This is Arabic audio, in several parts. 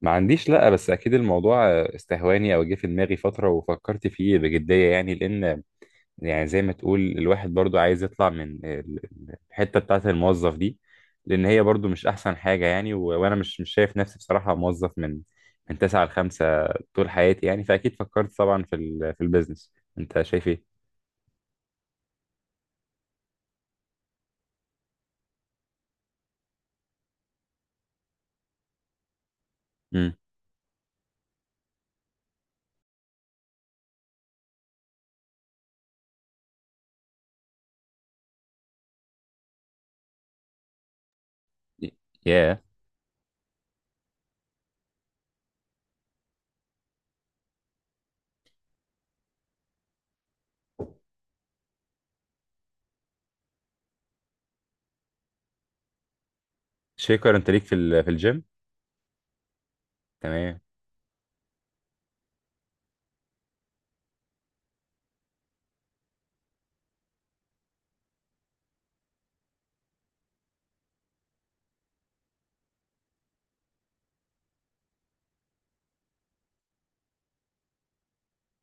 ما عنديش، لأ. بس أكيد الموضوع استهواني أو جه في دماغي فترة وفكرت فيه بجدية يعني. لأن يعني زي ما تقول الواحد برضو عايز يطلع من الحتة بتاعة الموظف دي. لأن هي برضو مش أحسن حاجة يعني، و- وأنا مش شايف نفسي بصراحة موظف من تسعة لخمسة طول حياتي يعني. فأكيد فكرت طبعا في ال في البيزنس. أنت شايف إيه؟ امم يا شيكر، أنت ليك في ال في الجيم؟ تمام.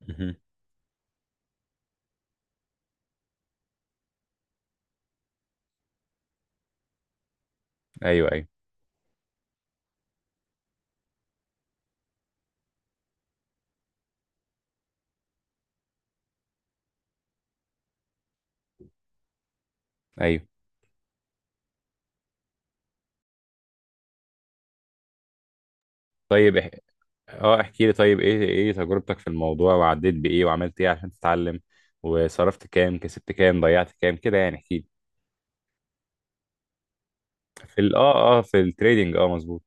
مهم. أيوه أيوه أيوه. طيب، اه احكي لي طيب، ايه ايه تجربتك في الموضوع، وعديت بايه، وعملت ايه عشان تتعلم، وصرفت كام، كسبت كام، ضيعت كام، كده يعني؟ احكي لي. في ال اه اه في التريدينج، اه، مظبوط.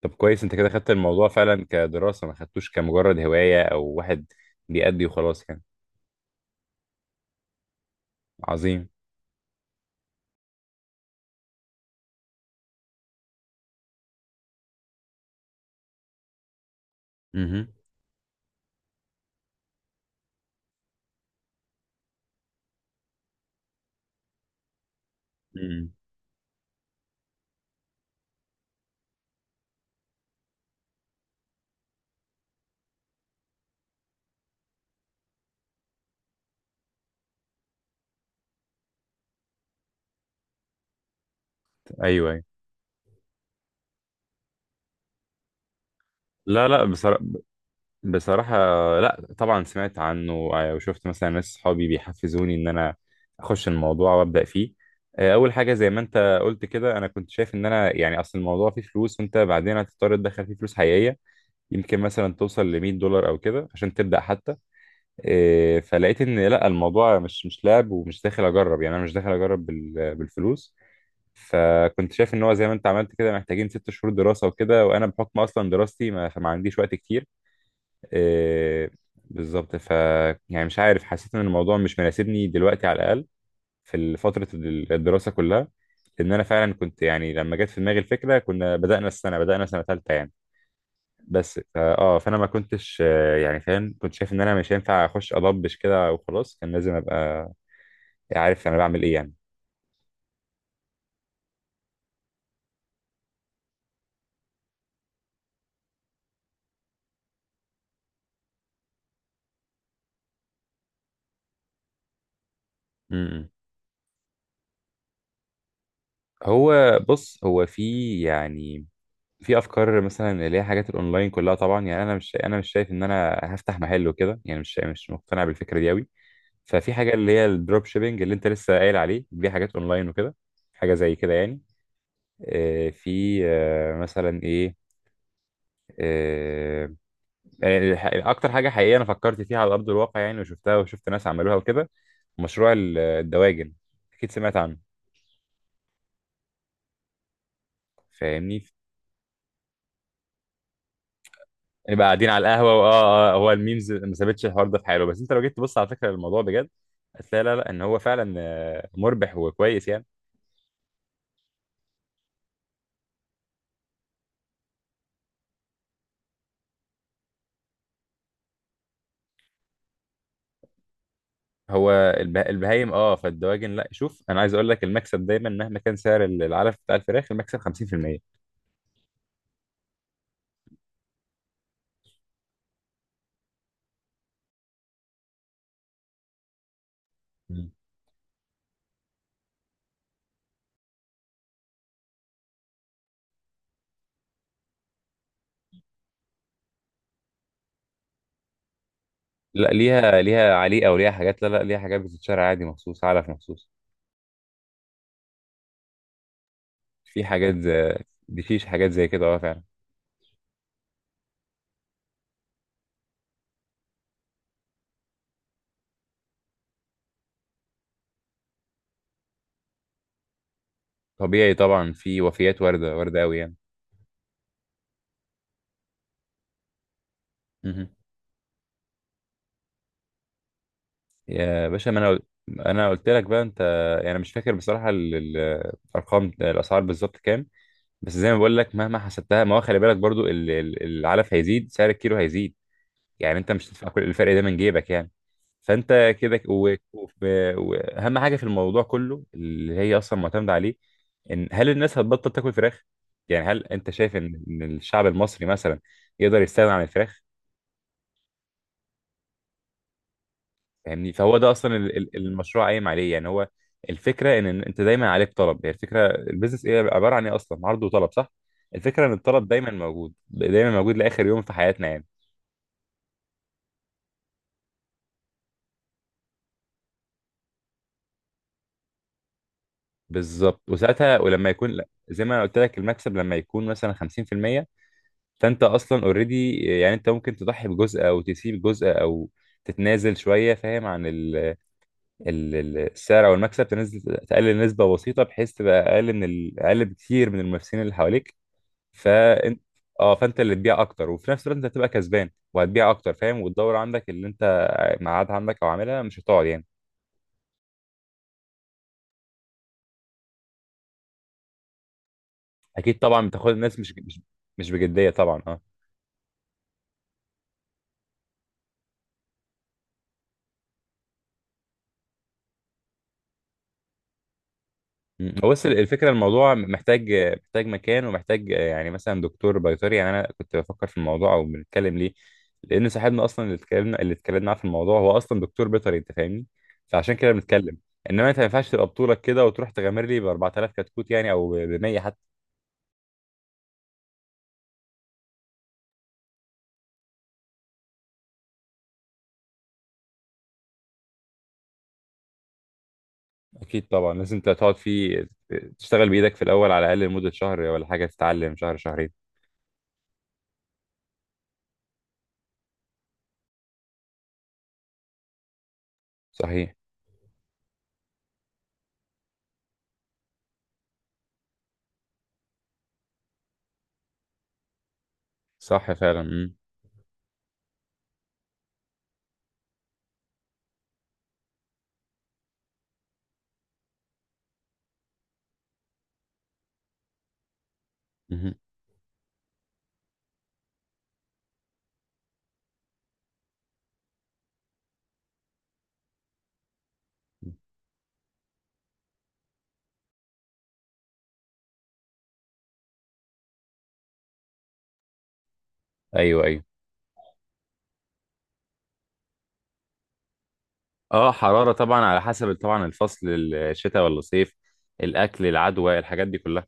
طب كويس، انت كده خدت الموضوع فعلا كدراسة، ما خدتوش كمجرد هواية او واحد بيأدي وخلاص يعني. عظيم. امم. ايوه ايوه. لا لا بصراحة، بصراحة لا. طبعا سمعت عنه، وشفت مثلا ناس صحابي بيحفزوني ان انا اخش الموضوع وابدأ فيه. اول حاجة زي ما انت قلت كده، انا كنت شايف ان انا، يعني، اصل الموضوع فيه فلوس وانت بعدين هتضطر تدخل فيه فلوس حقيقية. يمكن مثلا توصل ل 100 دولار او كده عشان تبدأ حتى. فلقيت ان لا، الموضوع مش مش لعب، ومش داخل اجرب يعني. انا مش داخل اجرب بال- بالفلوس. فكنت شايف ان هو زي ما انت عملت كده، محتاجين ست شهور دراسة وكده، وانا بحكم اصلا دراستي ما عنديش وقت كتير. إيه، بالظبط. ف يعني مش عارف، حسيت ان الموضوع مش مناسبني دلوقتي على الاقل، في فتره الدراسه كلها. لان انا فعلا كنت، يعني لما جت في دماغي الفكره كنا بدانا السنه، بدانا سنه ثالثه يعني. بس فا- اه فانا ما كنتش يعني فاهم. كنت شايف ان انا مش هينفع اخش اضبش كده وخلاص، كان لازم ابقى عارف انا بعمل ايه يعني. امم. هو بص، هو في، يعني، في افكار مثلا اللي هي حاجات الاونلاين كلها طبعا. يعني انا مش، انا مش شايف ان انا هفتح محل وكده يعني، مش مش مقتنع بالفكره دي قوي. ففي حاجه اللي هي الدروب شيبينج اللي انت لسه قايل عليه دي، حاجات اونلاين وكده، حاجه زي كده يعني. آه، في آه، مثلا ايه، آه، يعني اكتر حاجه حقيقيه انا فكرت فيها على ارض الواقع يعني، وشفتها وشفت ناس عملوها وكده، مشروع الدواجن. اكيد سمعت عنه. فاهمني، يبقى قاعدين على القهوه، واه اه آه، هو الميمز ما سابتش الحوار ده في حاله. بس انت لو جيت تبص على فكره الموضوع بجد، هتلاقي لا لا، ان هو فعلا مربح وكويس يعني. هو البهايم، اه، فالدواجن لا. شوف، انا عايز اقول لك المكسب دايما مهما كان سعر العلف بتاع الفراخ، المكسب 50%. مم. لا، ليها، ليها عليقه وليها حاجات، لا لا ليها حاجات بتتشرى عادي، مخصوص، علف مخصوص. في حاجات زي دي، فيش حاجات زي كده، اه، فعلا. طبيعي طبعا، في وفيات وارده، وارده قوي يعني. مهم. يا باشا، ما انا قلت لك بقى انت، يعني أنا مش فاكر بصراحه الارقام، الاسعار بالظبط كام. بس زي ما بقول لك، مهما حسبتها ما هو خلي بالك برضو العلف هيزيد، سعر الكيلو هيزيد. يعني انت مش هتدفع كل الفرق ده من جيبك يعني. فانت كده واهم حاجه في الموضوع كله اللي هي اصلا معتمده عليه، ان هل الناس هتبطل تاكل فراخ؟ يعني هل انت شايف ان إن الشعب المصري مثلا يقدر يستغنى عن الفراخ؟ فاهمني، فهو ده اصلا المشروع قايم عليه يعني. هو الفكره ان إن انت دايما عليك طلب. هي الفكره البيزنس ايه، عباره عن ايه اصلا؟ عرض وطلب، صح؟ الفكره ان الطلب دايما موجود، دايما موجود لاخر يوم في حياتنا يعني. بالظبط. وساعتها، ولما يكون، لا زي ما انا قلت لك المكسب لما يكون مثلا 50%، فانت اصلا اوريدي يعني. انت ممكن تضحي بجزء، او تسيب جزء، او تتنازل شويه فاهم، عن ال- السعر او المكسب، تنزل تقلل نسبه بسيطه بحيث تبقى اقل من اقل بكتير من المنافسين اللي حواليك. فانت اه فانت اللي تبيع اكتر، وفي نفس الوقت انت هتبقى كسبان وهتبيع اكتر، فاهم. والدوره عندك اللي انت معاد عندك او عاملها مش هتقعد يعني. اكيد طبعا، بتاخد الناس مش مش مش بجديه طبعا. مم. هو بس الفكرة، الموضوع محتاج، محتاج مكان، ومحتاج يعني مثلا دكتور بيطري. يعني أنا كنت بفكر في الموضوع أو بنتكلم ليه، لأن صاحبنا أصلا اللي اتكلمنا، اللي اتكلمنا معاه في الموضوع، هو أصلا دكتور بيطري، أنت فاهمني؟ فعشان كده بنتكلم. إنما أنت ما ينفعش تبقى بطولك كده وتروح تغامر لي ب 4000 كتكوت يعني، أو ب 100 حتى. أكيد طبعا، لازم أنت تقعد فيه، تشتغل بإيدك في الأول على الأقل، لمدة شهر ولا حاجة، تتعلم شهر شهرين. صحيح. صح فعلا. مم. مهم. أيوه أيوه. اه، حرارة طبعا، على حسب طبعا الفصل، الشتاء ولا الصيف، الاكل، العدوى، الحاجات دي كلها.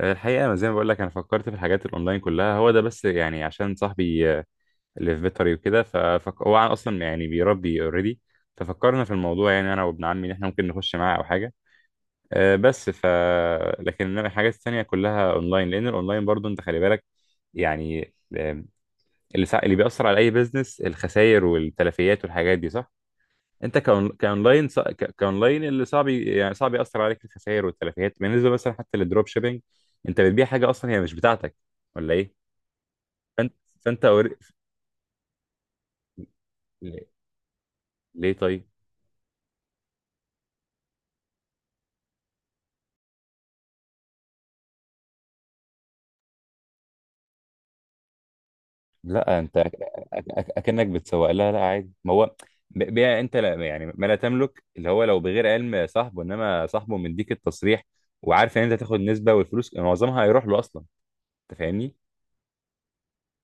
الحقيقة زي ما بقول لك، انا فكرت في الحاجات الاونلاين كلها، هو ده بس، يعني عشان صاحبي اللي في بيطري وكده، هو اصلا يعني بيربي اوريدي. ففكرنا في الموضوع، يعني انا وابن عمي، ان احنا ممكن نخش معاه او حاجة. آه، بس ف لكن إنما الحاجات التانية كلها اونلاين، لان الاونلاين برضو انت خلي بالك، يعني اللي بيأثر على اي بيزنس الخسائر والتلفيات والحاجات دي، صح. انت كاونلاين كاونلاين اللي صعب يعني صعب ياثر عليك الخسائر والتلفيات، بالنسبه مثلا حتى للدروب شيبينج، انت بتبيع حاجه اصلا هي مش بتاعتك، ولا ايه؟ فانت فانت أوري... ليه طيب؟ لا انت اكنك بتسوق لها، لا عادي. ما هو بيع انت، لا يعني ما لا تملك اللي هو لو بغير علم صاحبه، انما صاحبه مديك التصريح، وعارف ان انت تاخد نسبه، والفلوس معظمها هيروح له اصلا. انت فاهمني،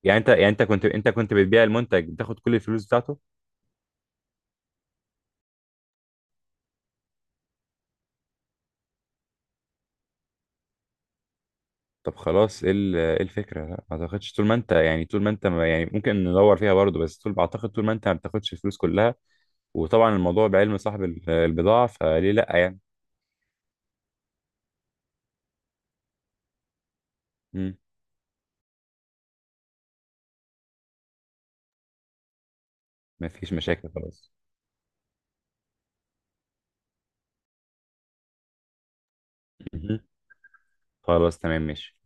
يعني انت، يعني انت كنت، انت كنت بتبيع المنتج بتاخد كل الفلوس بتاعته؟ طب خلاص، ايه إيه الفكرة؟ لا ما تاخدش، طول ما انت، يعني طول ما انت ما، يعني ممكن ندور فيها برضه، بس طول اعتقد طول ما انت ما بتاخدش الفلوس كلها، وطبعا الموضوع بعلم صاحب البضاعة، فليه لا يعني. مم. مفيش مشاكل، خلاص. مهم. خلاص تمام، ماشي.